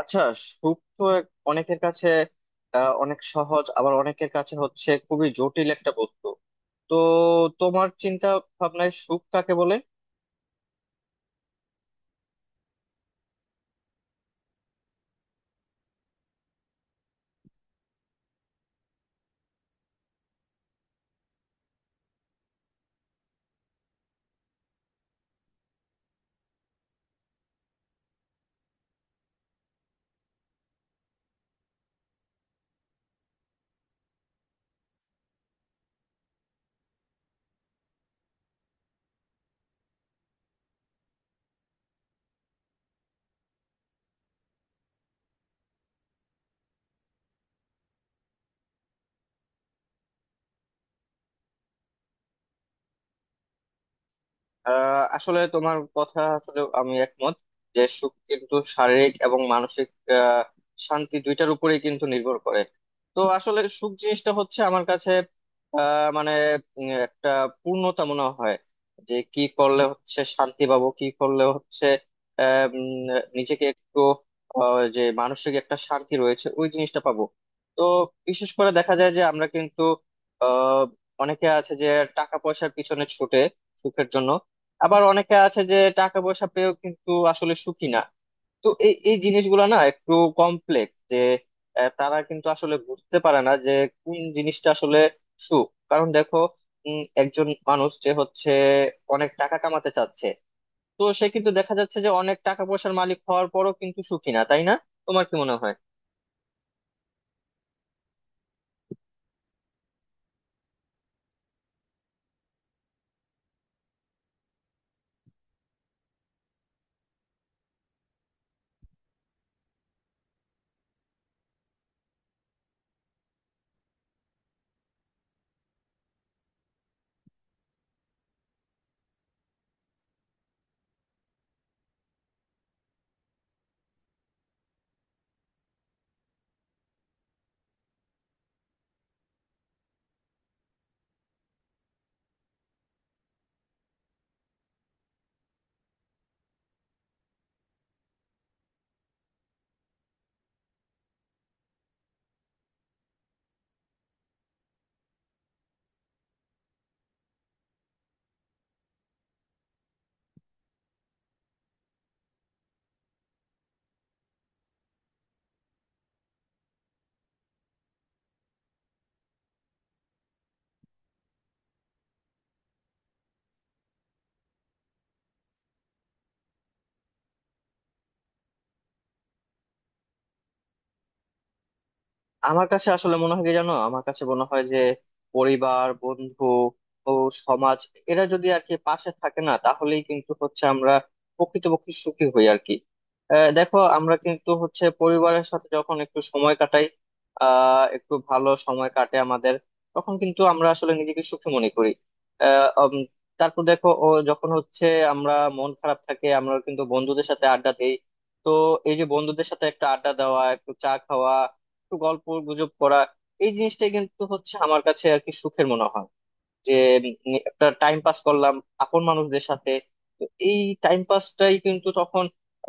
আচ্ছা, সুখ তো অনেকের কাছে অনেক সহজ, আবার অনেকের কাছে হচ্ছে খুবই জটিল একটা বস্তু। তো তোমার চিন্তা ভাবনায় সুখ কাকে বলে? আসলে তোমার কথা আসলে আমি একমত যে সুখ কিন্তু শারীরিক এবং মানসিক আহ, শান্তি দুইটার উপরেই কিন্তু নির্ভর করে। তো আসলে সুখ জিনিসটা হচ্ছে আমার কাছে মানে একটা পূর্ণতা মনে হয়। যে কি করলে হচ্ছে শান্তি পাবো, কি করলে হচ্ছে আহ, উম, নিজেকে একটু যে মানসিক একটা শান্তি রয়েছে ওই জিনিসটা পাবো। তো বিশেষ করে দেখা যায় যে আমরা কিন্তু আহ, অনেকে আছে যে টাকা পয়সার পিছনে ছুটে সুখের জন্য। আবার অনেকে আছে যে টাকা পয়সা পেয়েও কিন্তু আসলে সুখী না। তো এই এই জিনিসগুলো না একটু কমপ্লেক্স যে তারা কিন্তু আসলে বুঝতে পারে না যে কোন জিনিসটা আসলে সুখ। কারণ দেখো, একজন মানুষ যে হচ্ছে অনেক টাকা কামাতে চাচ্ছে, তো সে কিন্তু দেখা যাচ্ছে যে অনেক টাকা পয়সার মালিক হওয়ার পরও কিন্তু সুখী না, তাই না? তোমার কি মনে হয়? আমার কাছে আসলে মনে হয় কি জানো, আমার কাছে মনে হয় যে পরিবার, বন্ধু ও সমাজ, এরা যদি আর কি পাশে থাকে না, তাহলেই কিন্তু হচ্ছে আমরা প্রকৃতপক্ষে সুখী হই আর কি। দেখো আমরা কিন্তু হচ্ছে পরিবারের সাথে যখন একটু সময় কাটাই, একটু ভালো সময় কাটে আমাদের, তখন কিন্তু আমরা আসলে নিজেকে সুখী মনে করি। আহ উম, তারপর দেখো, ও যখন হচ্ছে আমরা মন খারাপ থাকে, আমরা কিন্তু বন্ধুদের সাথে আড্ডা দিই। তো এই যে বন্ধুদের সাথে একটা আড্ডা দেওয়া, একটু চা খাওয়া, একটু গল্প গুজব করা, এই জিনিসটাই কিন্তু হচ্ছে আমার কাছে আর কি সুখের মনে হয়। যে একটা টাইম পাস করলাম আপন মানুষদের সাথে। তো এই টাইম পাসটাই কিন্তু তখন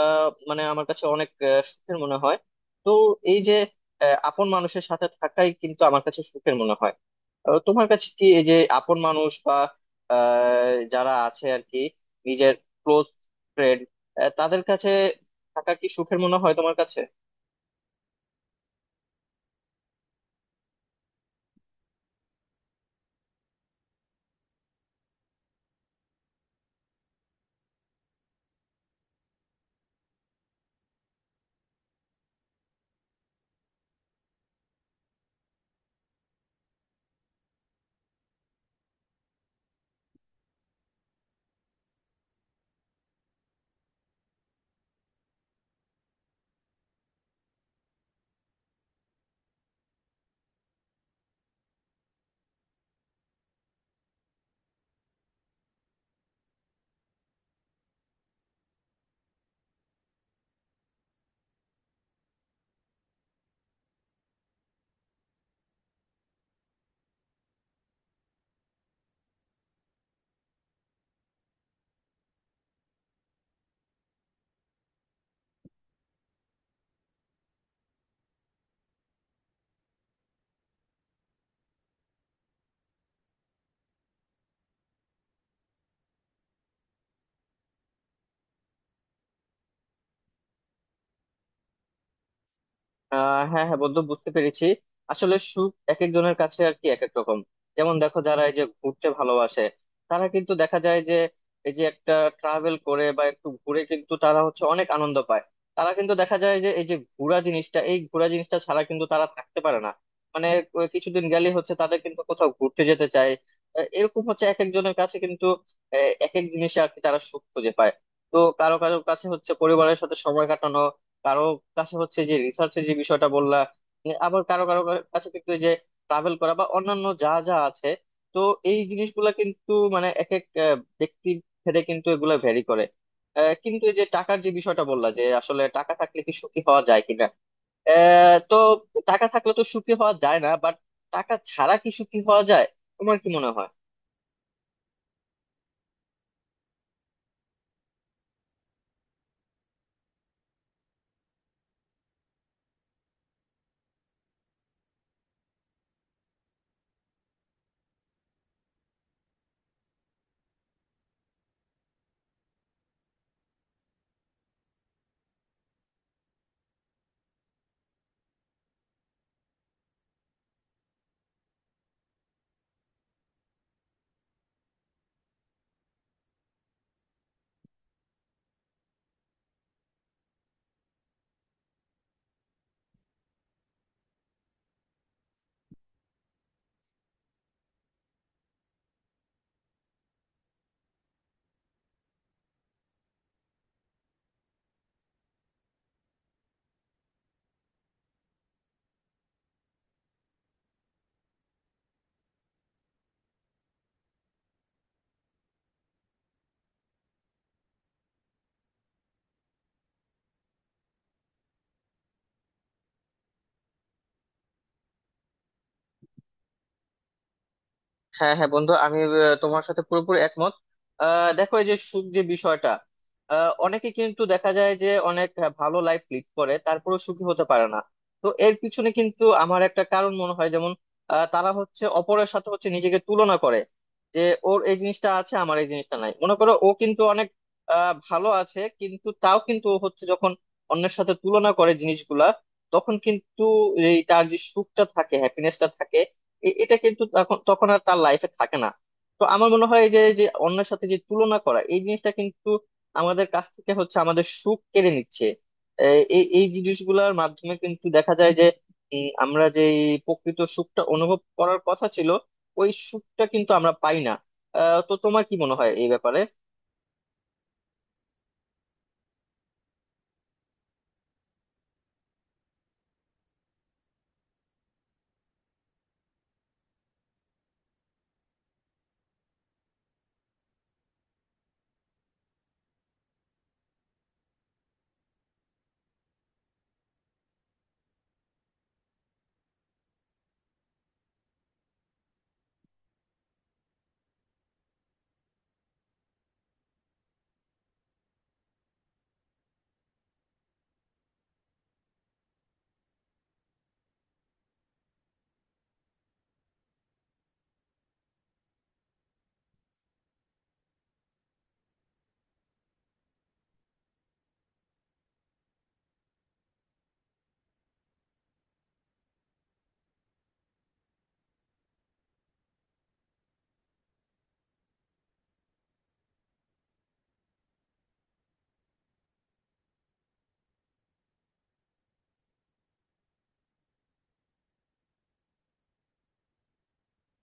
মানে আমার কাছে অনেক সুখের মনে হয়। তো এই যে আপন মানুষের সাথে থাকাই কিন্তু আমার কাছে সুখের মনে হয়। তোমার কাছে কি এই যে আপন মানুষ বা যারা আছে আর কি নিজের ক্লোজ ফ্রেন্ড, তাদের কাছে থাকা কি সুখের মনে হয় তোমার কাছে? হ্যাঁ হ্যাঁ বন্ধু, বুঝতে পেরেছি। আসলে সুখ এক একজনের কাছে আর কি এক এক রকম। যেমন দেখো, যারা এই যে ঘুরতে ভালোবাসে, তারা কিন্তু দেখা যায় যে এই যে একটা ট্রাভেল করে বা একটু ঘুরে, কিন্তু তারা হচ্ছে অনেক আনন্দ পায়। তারা কিন্তু দেখা যায় যে এই যে ঘোরা জিনিসটা, এই ঘোরা জিনিসটা ছাড়া কিন্তু তারা থাকতে পারে না। মানে কিছুদিন গেলে হচ্ছে তাদের কিন্তু কোথাও ঘুরতে যেতে চায়। এরকম হচ্ছে এক একজনের কাছে কিন্তু এক এক জিনিসে আর কি তারা সুখ খুঁজে পায়। তো কারো কারো কাছে হচ্ছে পরিবারের সাথে সময় কাটানো, কারো কাছে হচ্ছে যে রিসার্চের যে বিষয়টা বললা, মানে আবার কারো কারো কাছে কিন্তু এই যে ট্রাভেল করা বা অন্যান্য যা যা আছে। তো এই জিনিসগুলা কিন্তু মানে এক এক ব্যক্তির ভেদে কিন্তু এগুলা ভ্যারি করে। কিন্তু এই যে টাকার যে বিষয়টা বললা যে আসলে টাকা থাকলে কি সুখী হওয়া যায় কিনা, তো টাকা থাকলে তো সুখী হওয়া যায় না, বাট টাকা ছাড়া কি সুখী হওয়া যায়? তোমার কি মনে হয়? হ্যাঁ হ্যাঁ বন্ধু, আমি তোমার সাথে পুরোপুরি একমত। দেখো এই যে সুখ যে বিষয়টা, অনেকে কিন্তু দেখা যায় যে অনেক ভালো লাইফ লিড করে তারপরেও সুখী হতে পারে না। তো এর পিছনে কিন্তু আমার একটা কারণ মনে হয়, যেমন তারা হচ্ছে অপরের সাথে হচ্ছে নিজেকে তুলনা করে। যে ওর এই জিনিসটা আছে, আমার এই জিনিসটা নাই, মনে করো ও কিন্তু অনেক ভালো আছে, কিন্তু তাও কিন্তু ও হচ্ছে যখন অন্যের সাথে তুলনা করে জিনিসগুলা, তখন কিন্তু এই তার যে সুখটা থাকে, হ্যাপিনেসটা থাকে, এটা কিন্তু তখন তখন আর তার লাইফে থাকে না। তো আমার মনে হয় যে যে অন্যের সাথে যে তুলনা করা এই জিনিসটা কিন্তু আমাদের কাছ থেকে হচ্ছে আমাদের সুখ কেড়ে নিচ্ছে। এই এই জিনিসগুলোর মাধ্যমে কিন্তু দেখা যায় যে আমরা যে এই প্রকৃত সুখটা অনুভব করার কথা ছিল, ওই সুখটা কিন্তু আমরা পাই না। তো তোমার কি মনে হয় এই ব্যাপারে?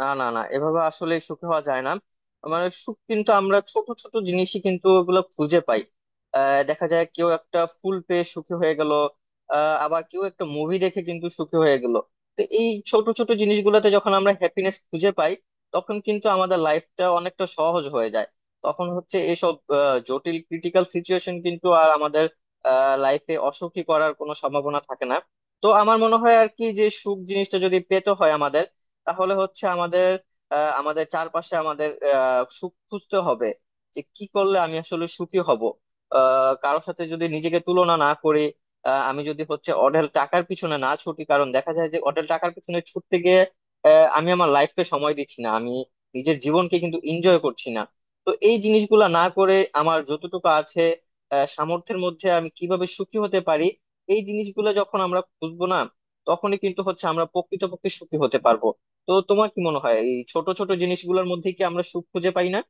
না না না, এভাবে আসলে সুখী হওয়া যায় না। মানে সুখ কিন্তু আমরা ছোট ছোট জিনিসই কিন্তু ওগুলো খুঁজে পাই। দেখা যায় কেউ একটা ফুল পেয়ে সুখী হয়ে গেল, আবার কেউ একটা মুভি দেখে কিন্তু সুখী হয়ে গেল। তো এই ছোট ছোট জিনিসগুলোতে যখন আমরা হ্যাপিনেস খুঁজে পাই, তখন কিন্তু আমাদের লাইফটা অনেকটা সহজ হয়ে যায়। তখন হচ্ছে এসব জটিল ক্রিটিক্যাল সিচুয়েশন কিন্তু আর আমাদের লাইফে অসুখী করার কোনো সম্ভাবনা থাকে না। তো আমার মনে হয় আর কি যে সুখ জিনিসটা যদি পেতে হয় আমাদের, তাহলে হচ্ছে আমাদের আমাদের চারপাশে আমাদের সুখ খুঁজতে হবে। যে কি করলে আমি আসলে সুখী হব। কারোর সাথে যদি নিজেকে তুলনা না করি, আমি যদি হচ্ছে অঢেল টাকার পিছনে না ছুটি, কারণ দেখা যায় যে অঢেল টাকার পিছনে ছুটতে গিয়ে আমি আমার লাইফকে সময় দিচ্ছি না, আমি নিজের জীবনকে কিন্তু এনজয় করছি না। তো এই জিনিসগুলা না করে আমার যতটুকু আছে সামর্থ্যের মধ্যে আমি কিভাবে সুখী হতে পারি, এই জিনিসগুলো যখন আমরা খুঁজবো না, তখনই কিন্তু হচ্ছে আমরা প্রকৃতপক্ষে সুখী হতে পারবো। তো তোমার কি মনে হয় এই ছোট ছোট জিনিসগুলোর মধ্যে কি আমরা সুখ খুঁজে পাই না?